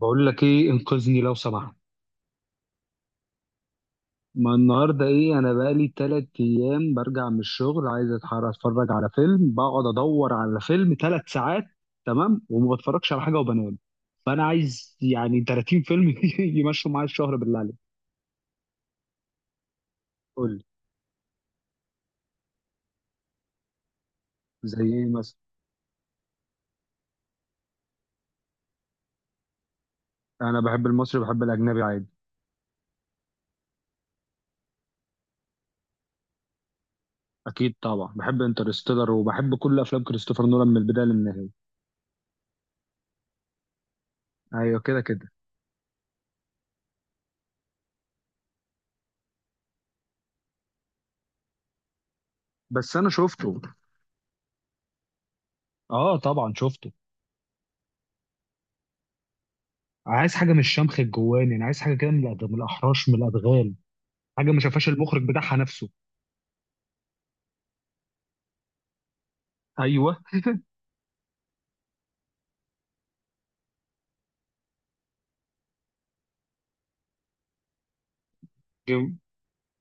بقول لك ايه انقذني لو سمحت. ما النهارده ايه؟ انا بقالي 3 ايام برجع من الشغل، عايز اتحرك، اتفرج على فيلم. بقعد ادور على فيلم 3 ساعات تمام، وما بتفرجش على حاجه وبنام. فانا عايز 30 فيلم يمشوا معايا الشهر، بالله عليك. قول لي. زي ايه مثلا؟ انا بحب المصري، بحب الاجنبي عادي. اكيد طبعا بحب انترستيلر، وبحب كل افلام كريستوفر نولان من البدايه للنهايه. ايوه، كده كده. بس انا شفته. اه، طبعا شفته. عايز حاجه من الشمخ الجواني، انا عايز حاجه كده من من الاحراش من الادغال. حاجه ما شافهاش المخرج بتاعها نفسه. ايوه. جيم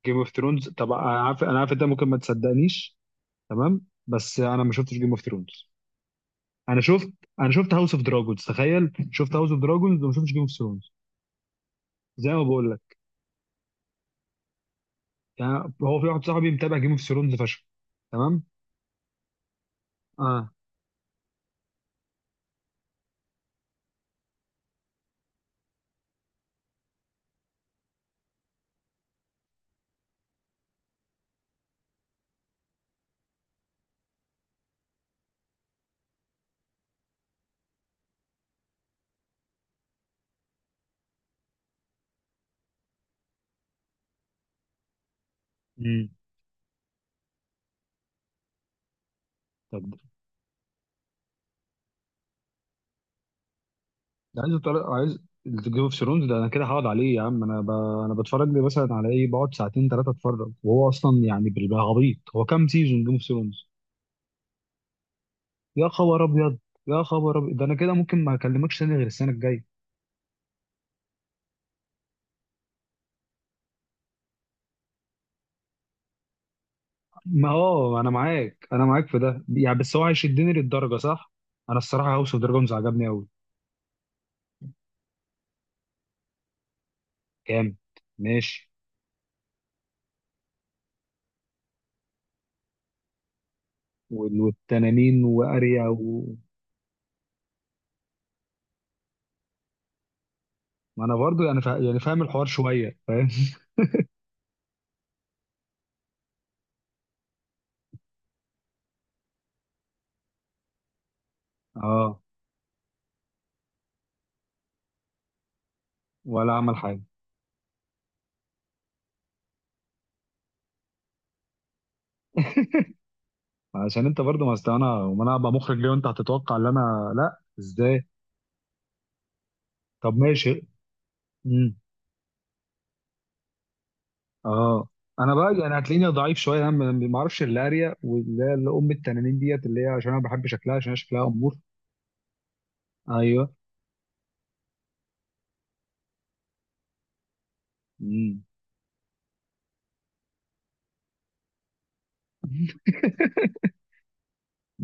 جيم اوف ثرونز، طب انا عارف انت ممكن ما تصدقنيش. تمام. بس انا ما شفتش جيم اوف ثرونز. انا شفت انا شفت هاوس اوف دراجونز، تخيل شفت هاوس اوف دراجونز وما شفتش جيم اوف ثرونز. زي ما بقول لك. هو في واحد صاحبي متابع جيم اوف ثرونز فشخ. تمام. اه. امم. طب ده عايز طريق، عايز. جيم اوف ثرونز ده انا كده هقعد عليه يا عم، انا ب... انا بتفرج لي مثلا على ايه؟ بقعد ساعتين ثلاثه اتفرج، وهو اصلا بيبقى غبيط. هو كام سيزون جيم اوف ثرونز؟ يا خبر ابيض. يا خبر ابيض، ده انا كده ممكن ما اكلمكش تاني غير السنه الجايه. ما انا معاك، انا معاك في ده، بس هو هيشدني للدرجه، صح؟ انا الصراحه هاوس اوف دراجونز عجبني قوي. كام. ماشي. والتنانين واريا و... ما انا برضو يعني فا... يعني فاهم الحوار شويه، فاهم. اه. ولا عمل حاجه. عشان انت برضه، ما أصل انا، وما انا ابقى مخرج ليه وانت هتتوقع ان انا، لا ازاي؟ طب ماشي. امم. اه. انا بقى هتلاقيني ضعيف شويه، انا ما اعرفش الاريا، واللي هي اللي ام التنانين ديت اللي هي، عشان انا بحب شكلها، عشان هي شكلها امور. ايوه. امم.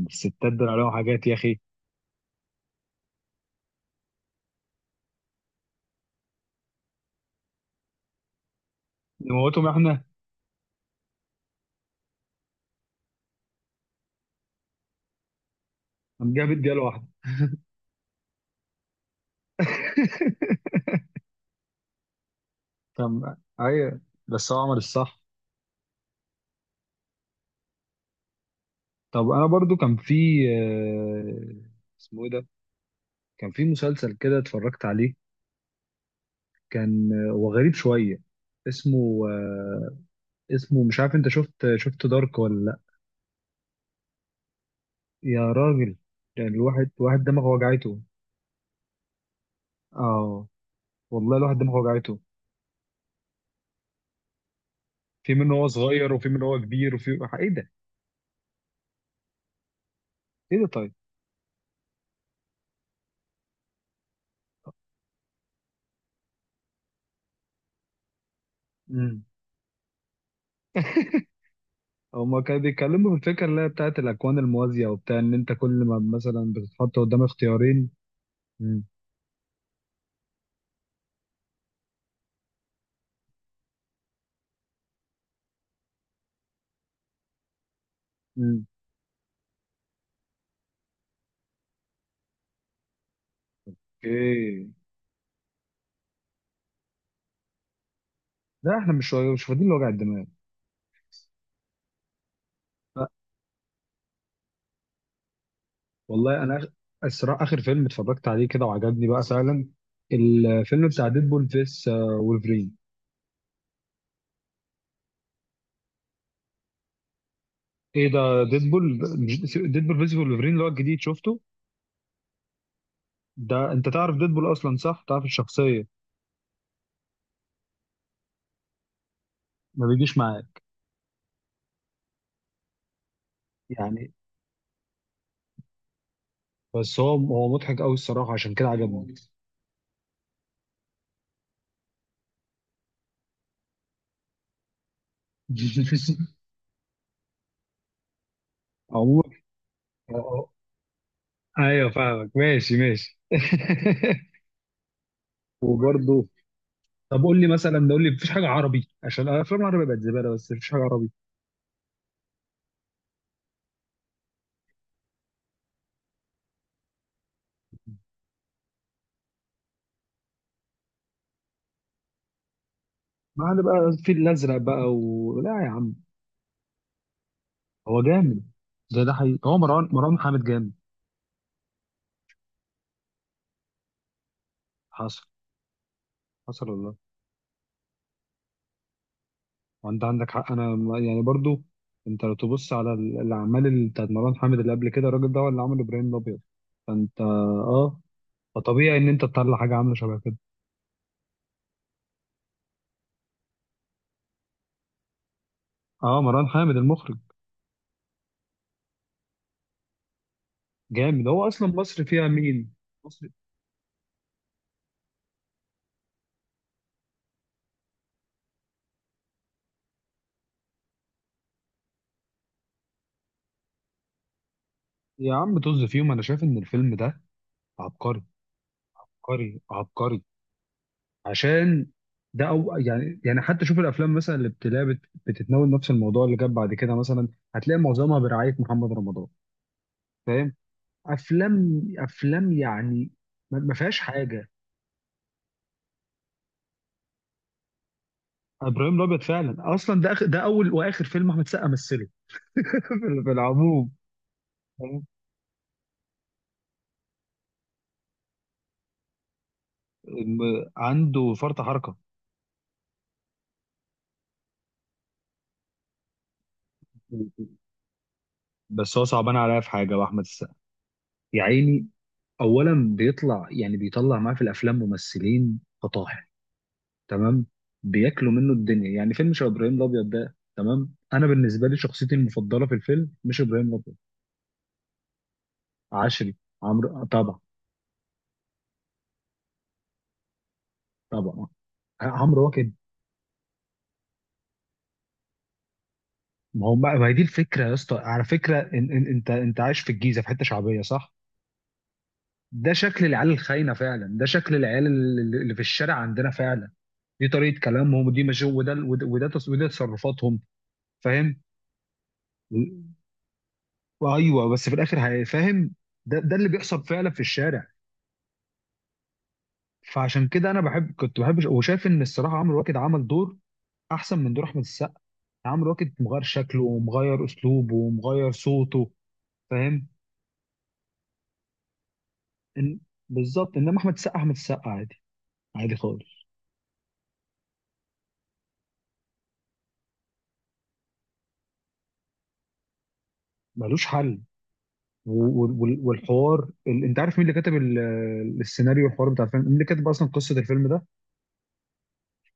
الستات دول عليهم حاجات يا اخي. نموتهم احنا. هنجيب بيت واحده. طب، ايوه. بس هو عمل الصح. طب انا برضو كان في آه، اسمه ايه ده؟ كان في مسلسل كده اتفرجت عليه، كان هو غريب شويه، اسمه اسمه مش عارف. انت شفت، دارك ولا لا؟ يا راجل. الواحد واحد دماغه وجعته. اه، والله الواحد دماغه وجعته. في منه هو صغير وفي منه هو كبير وفي... ايه ده. ايه ده طيب. امم. هما كانوا بيتكلموا في الفكره اللي هي بتاعت الاكوان الموازيه، وبتاع ان انت كل ما مثلا بتتحط قدام اختيارين. امم. امم. اوكي. لا احنا مش فاضيين لوجع الدماغ. والله انا الصراحه اخر فيلم اتفرجت عليه كده وعجبني بقى فعلا، الفيلم بتاع ديدبول فيس وولفرين. ايه ده؟ ديدبول. ديدبول فيس وولفرين اللي هو الجديد شفته. ده انت تعرف ديدبول اصلا، صح؟ تعرف الشخصيه. ما بيجيش معاك. يعني بس هو مضحك قوي الصراحه، عشان كده عجبني. عموما، آه، آه. ايوه فاهمك، ماشي ماشي. وبرضه، طب قول لي مثلا، ده قول لي، مفيش حاجه عربي؟ عشان الافلام العربي بقت زباله، بس مفيش حاجه عربي؟ ما عاد بقى الفيل الازرق بقى و... لا يا عم. هو جامد. ده حقيقي، هو مروان محمد جامد. حصل، حصل، والله. وانت عندك حق، انا برضو. انت لو تبص على الاعمال بتاعت مروان محمد اللي قبل كده، الراجل ده هو اللي عمل ابراهيم الابيض. فانت اه، فطبيعي ان انت تطلع حاجه عامله شبه كده. اه، مروان حامد المخرج جامد، هو اصلا مصر فيها مين؟ مصر. يا عم طز فيهم، انا شايف ان الفيلم ده عبقري، عبقري عبقري. عشان ده او، يعني حتى شوف الافلام مثلا اللي بتلاقي بتتناول نفس الموضوع اللي جاب بعد كده مثلا، هتلاقي معظمها برعايه محمد رمضان، فاهم؟ افلام، افلام يعني ما فيهاش حاجه. ابراهيم الابيض فعلا، اصلا ده ده اول واخر فيلم احمد سقا مثله. في العموم، فاهم؟ عنده فرط حركه. بس هو صعبان عليا في حاجه، واحمد السقا، يا عيني. اولا بيطلع، بيطلع معاه في الافلام ممثلين فطاحل، تمام، بياكلوا منه الدنيا، يعني فيلم شبه ابراهيم الابيض ده تمام، انا بالنسبه لي شخصيتي المفضله في الفيلم مش ابراهيم الابيض، عشري، عمرو طبعا، طبعا. عمرو واكد. ما هو ما هي دي الفكره يا اسطى، على فكره، إن انت عايش في الجيزه في حته شعبيه، صح؟ ده شكل العيال الخاينه فعلا، ده شكل العيال اللي في الشارع عندنا فعلا. دي طريقه كلامهم، ودي مش، وده تصرفاتهم. فاهم. و- وايوه، بس في الاخر فاهم. ده اللي بيحصل فعلا في الشارع. فعشان كده انا بحب، كنت بحب، وشايف ان الصراحه عمرو واكد عمل دور احسن من دور احمد السقا، يعني عمرو واكد مغير شكله ومغير اسلوبه ومغير صوته، فاهم؟ إن بالظبط، انما احمد السقا، عادي، عادي خالص. ملوش حل. والحوار انت عارف مين اللي كتب السيناريو والحوار بتاع الفيلم؟ مين اللي كتب اصلا قصه الفيلم ده؟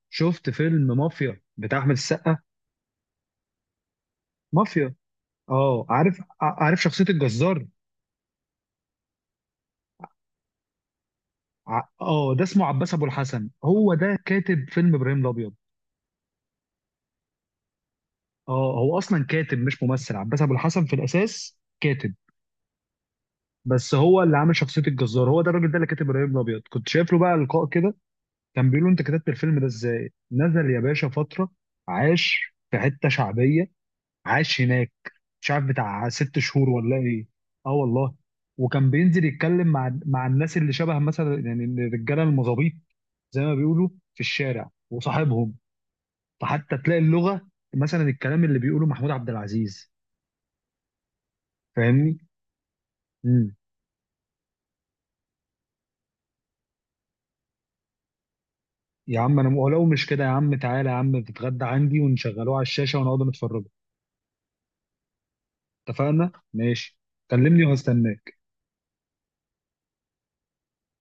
شفت فيلم مافيا بتاع احمد السقا؟ مافيا. اه عارف، عارف شخصيه الجزار. ده اسمه عباس ابو الحسن، هو ده كاتب فيلم ابراهيم الابيض. اه هو اصلا كاتب مش ممثل، عباس ابو الحسن في الاساس كاتب، بس هو اللي عامل شخصيه الجزار، هو ده، الراجل ده اللي كاتب ابراهيم الابيض، كنت شايف له بقى لقاء كده. كان بيقول له انت كتبت الفيلم ده ازاي، نزل يا باشا فتره، عاش في حته شعبيه، عاش هناك، مش عارف بتاع 6 شهور ولا ايه. اه، والله. وكان بينزل يتكلم مع الناس اللي شبه مثلا يعني الرجاله المظابيط، زي ما بيقولوا، في الشارع وصاحبهم. فحتى تلاقي اللغه، مثلا الكلام اللي بيقوله محمود عبد العزيز، فاهمني. يا عم انا ولو مش كده يا عم، تعالى يا عم تتغدى عندي، ونشغلوه على الشاشه ونقعد نتفرجوا. اتفقنا، ماشي. كلمني وهستناك.